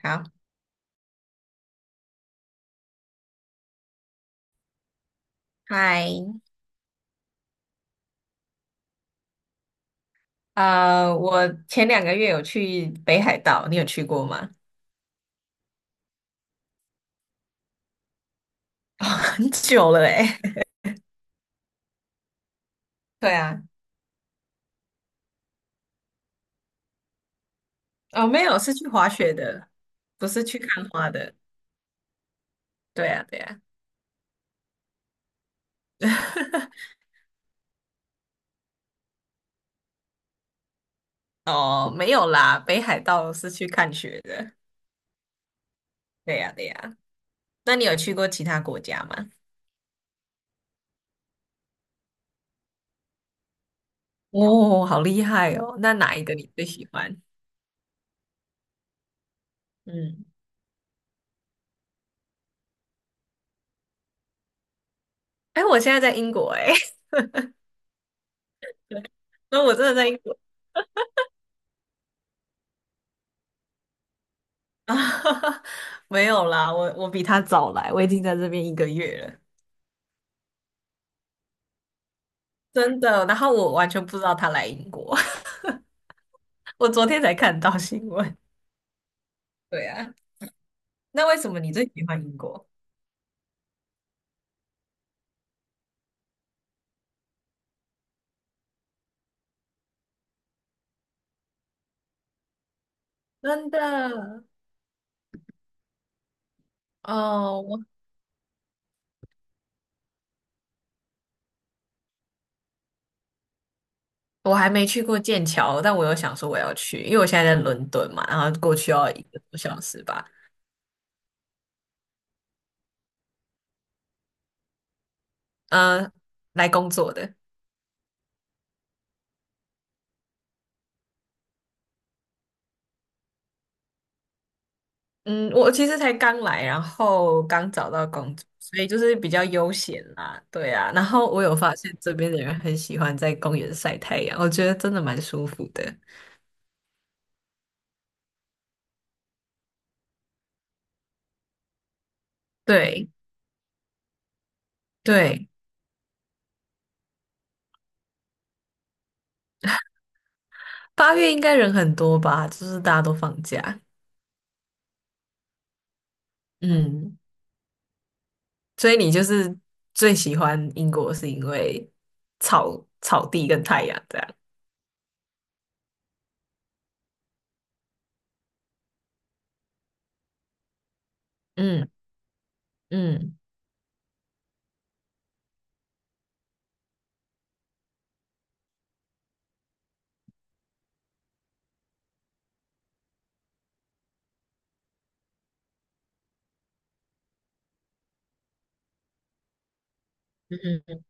好。嗨。我前两个月有去北海道，你有去过吗？哦，很久了诶。对啊。哦，没有，是去滑雪的，不是去看花的。对啊，对啊。哦，没有啦，北海道是去看雪的。对呀，对呀。那你有去过其他国家吗？哦，好厉害哦！那哪一个你最喜欢？嗯。哎，我现在在英国哎。那我真的在英国。啊，没有啦，我比他早来，我已经在这边一个月了。真的。然后我完全不知道他来英国，我昨天才看到新闻。对啊。那为什么你最喜欢英国？真的。哦，我还没去过剑桥，但我有想说我要去，因为我现在在伦敦嘛，然后过去要一个多小时吧。嗯、来工作的。嗯，我其实才刚来，然后刚找到工作，所以就是比较悠闲啦，对啊。然后我有发现这边的人很喜欢在公园晒太阳，我觉得真的蛮舒服的。对对。八月应该人很多吧，就是大家都放假。嗯，所以你就是最喜欢英国是因为草地跟太阳这样。嗯嗯，嗯嗯。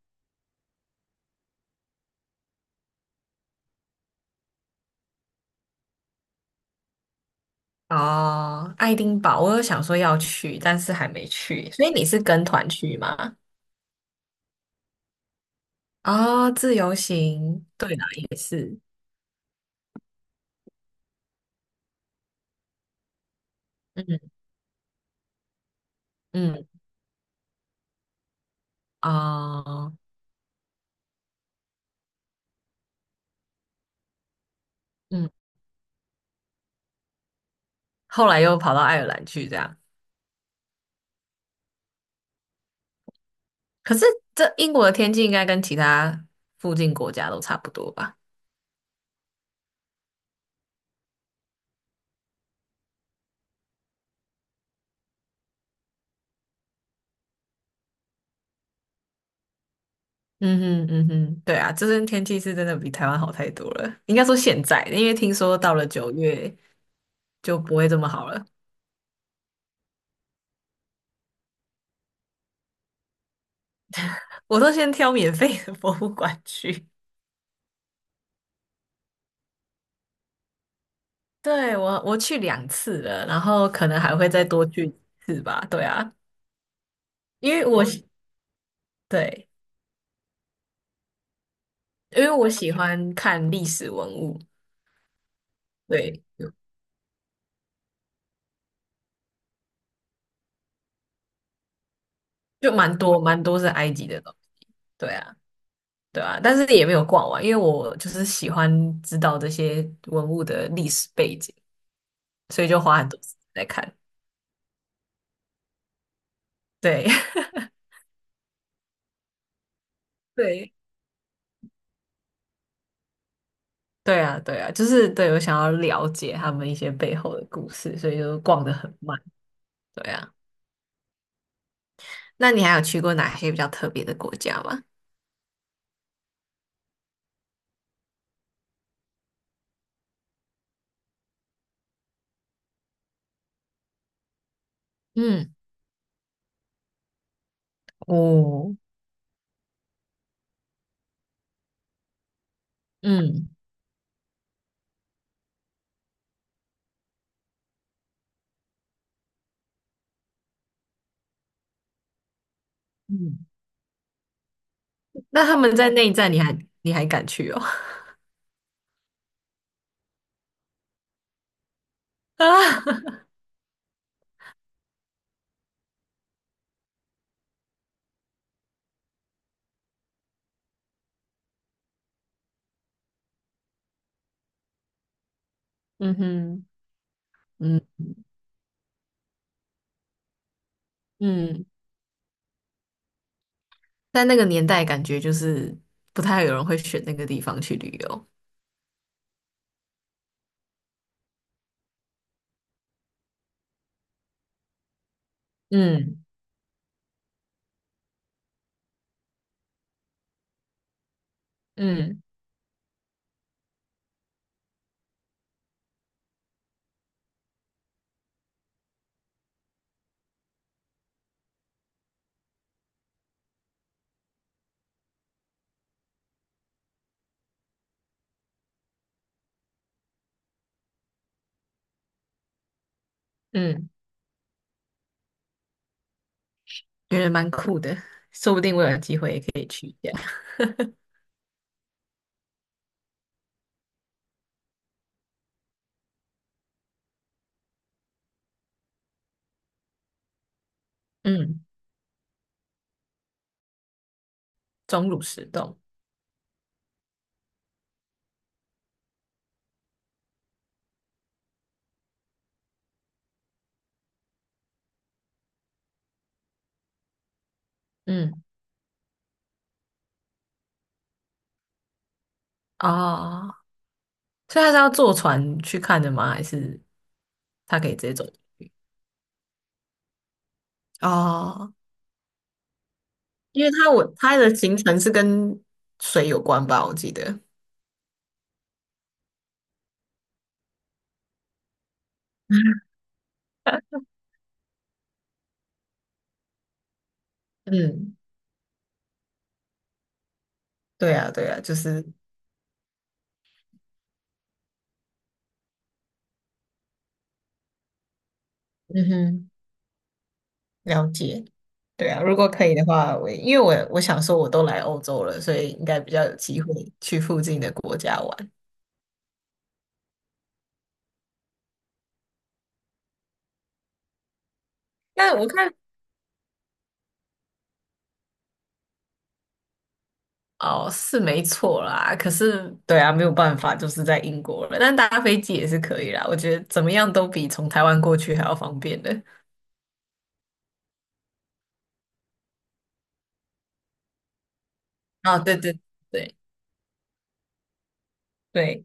哦，爱丁堡，我有想说要去，但是还没去。所以你是跟团去吗？啊、自由行，对啦，也是。嗯嗯。啊、嗯。后来又跑到爱尔兰去这样。可是这英国的天气应该跟其他附近国家都差不多吧？嗯哼嗯哼，对啊，这边天气是真的比台湾好太多了。应该说现在，因为听说到了九月就不会这么好了。我都先挑免费的博物馆去。对，我去两次了，然后可能还会再多去一次吧。对啊，因为我对。因为我喜欢看历史文物。对，就蛮多是埃及的东西。对啊，对啊，但是也没有逛完，因为我就是喜欢知道这些文物的历史背景，所以就花很多时间在看。对。对，对啊，对啊，就是对我想要了解他们一些背后的故事，所以就逛得很慢。对啊。那你还有去过哪些比较特别的国家吗？嗯。哦。嗯嗯。那他们在内战，你还敢去哦？啊。嗯哼。嗯嗯。在那个年代，感觉就是不太有人会选那个地方去旅游。嗯嗯。嗯，觉得蛮酷的，说不定我有机会。嗯。钟乳石洞。嗯。哦，所以他是要坐船去看的吗？还是他可以直接走？哦，因为他的行程是跟水有关吧，我记得。嗯。对啊，对啊，就是。嗯哼。了解。对啊，如果可以的话，因为我想说我都来欧洲了，所以应该比较有机会去附近的国家玩。但我看，哦，是没错啦，可是对啊，没有办法，就是在英国了。但搭飞机也是可以啦，我觉得怎么样都比从台湾过去还要方便的。啊，对对，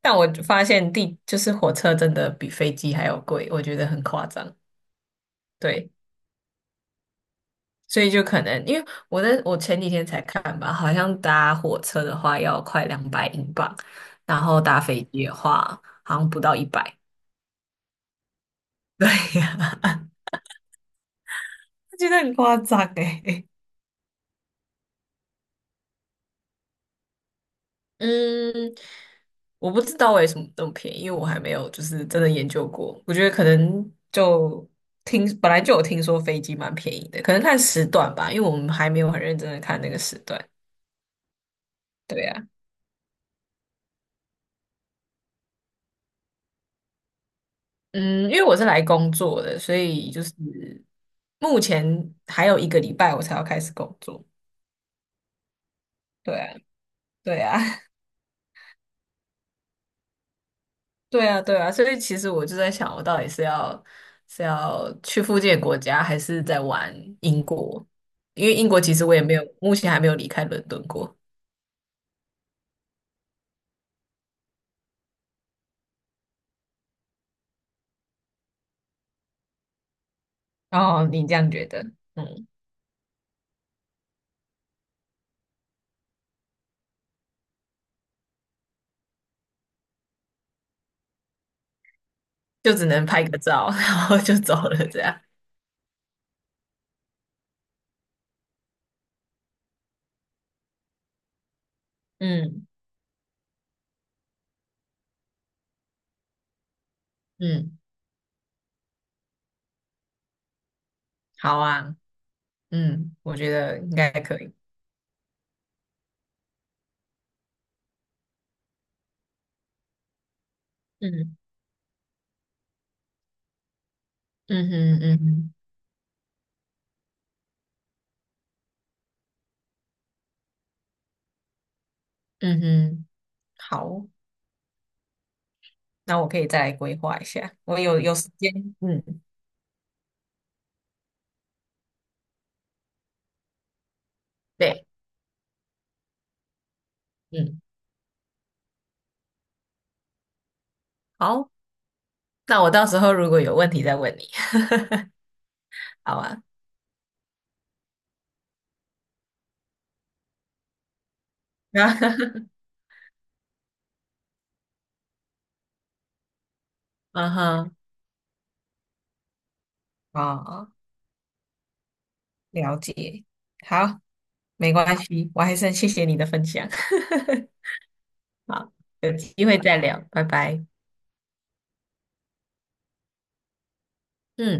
但我就发现就是火车真的比飞机还要贵，我觉得很夸张。对。所以就可能因为我前几天才看吧，好像搭火车的话要快200英镑，然后搭飞机的话好像不到一百。对呀、我觉得很夸张诶。嗯，我不知道为什么那么便宜，因为我还没有就是真的研究过。我觉得可能就听本来就有听说飞机蛮便宜的，可能看时段吧，因为我们还没有很认真的看那个时段。对呀。嗯，因为我是来工作的，所以就是目前还有一个礼拜我才要开始工作。对啊，对啊。对啊，对啊，所以其实我就在想，我到底是要是要去附近的国家，还是在玩英国？因为英国其实我也没有，目前还没有离开伦敦过。哦，你这样觉得？嗯，就只能拍个照，然后就走了这样。嗯嗯。好啊。嗯，我觉得应该可以。嗯。嗯哼嗯哼嗯哼。好，那我可以再来规划一下。我有时间。嗯。对。嗯。好，那我到时候如果有问题再问你。好吧？啊。嗯哼。啊。了解。好。没关系，我还是很谢谢你的分享。好，有机会再聊，拜拜。嗯。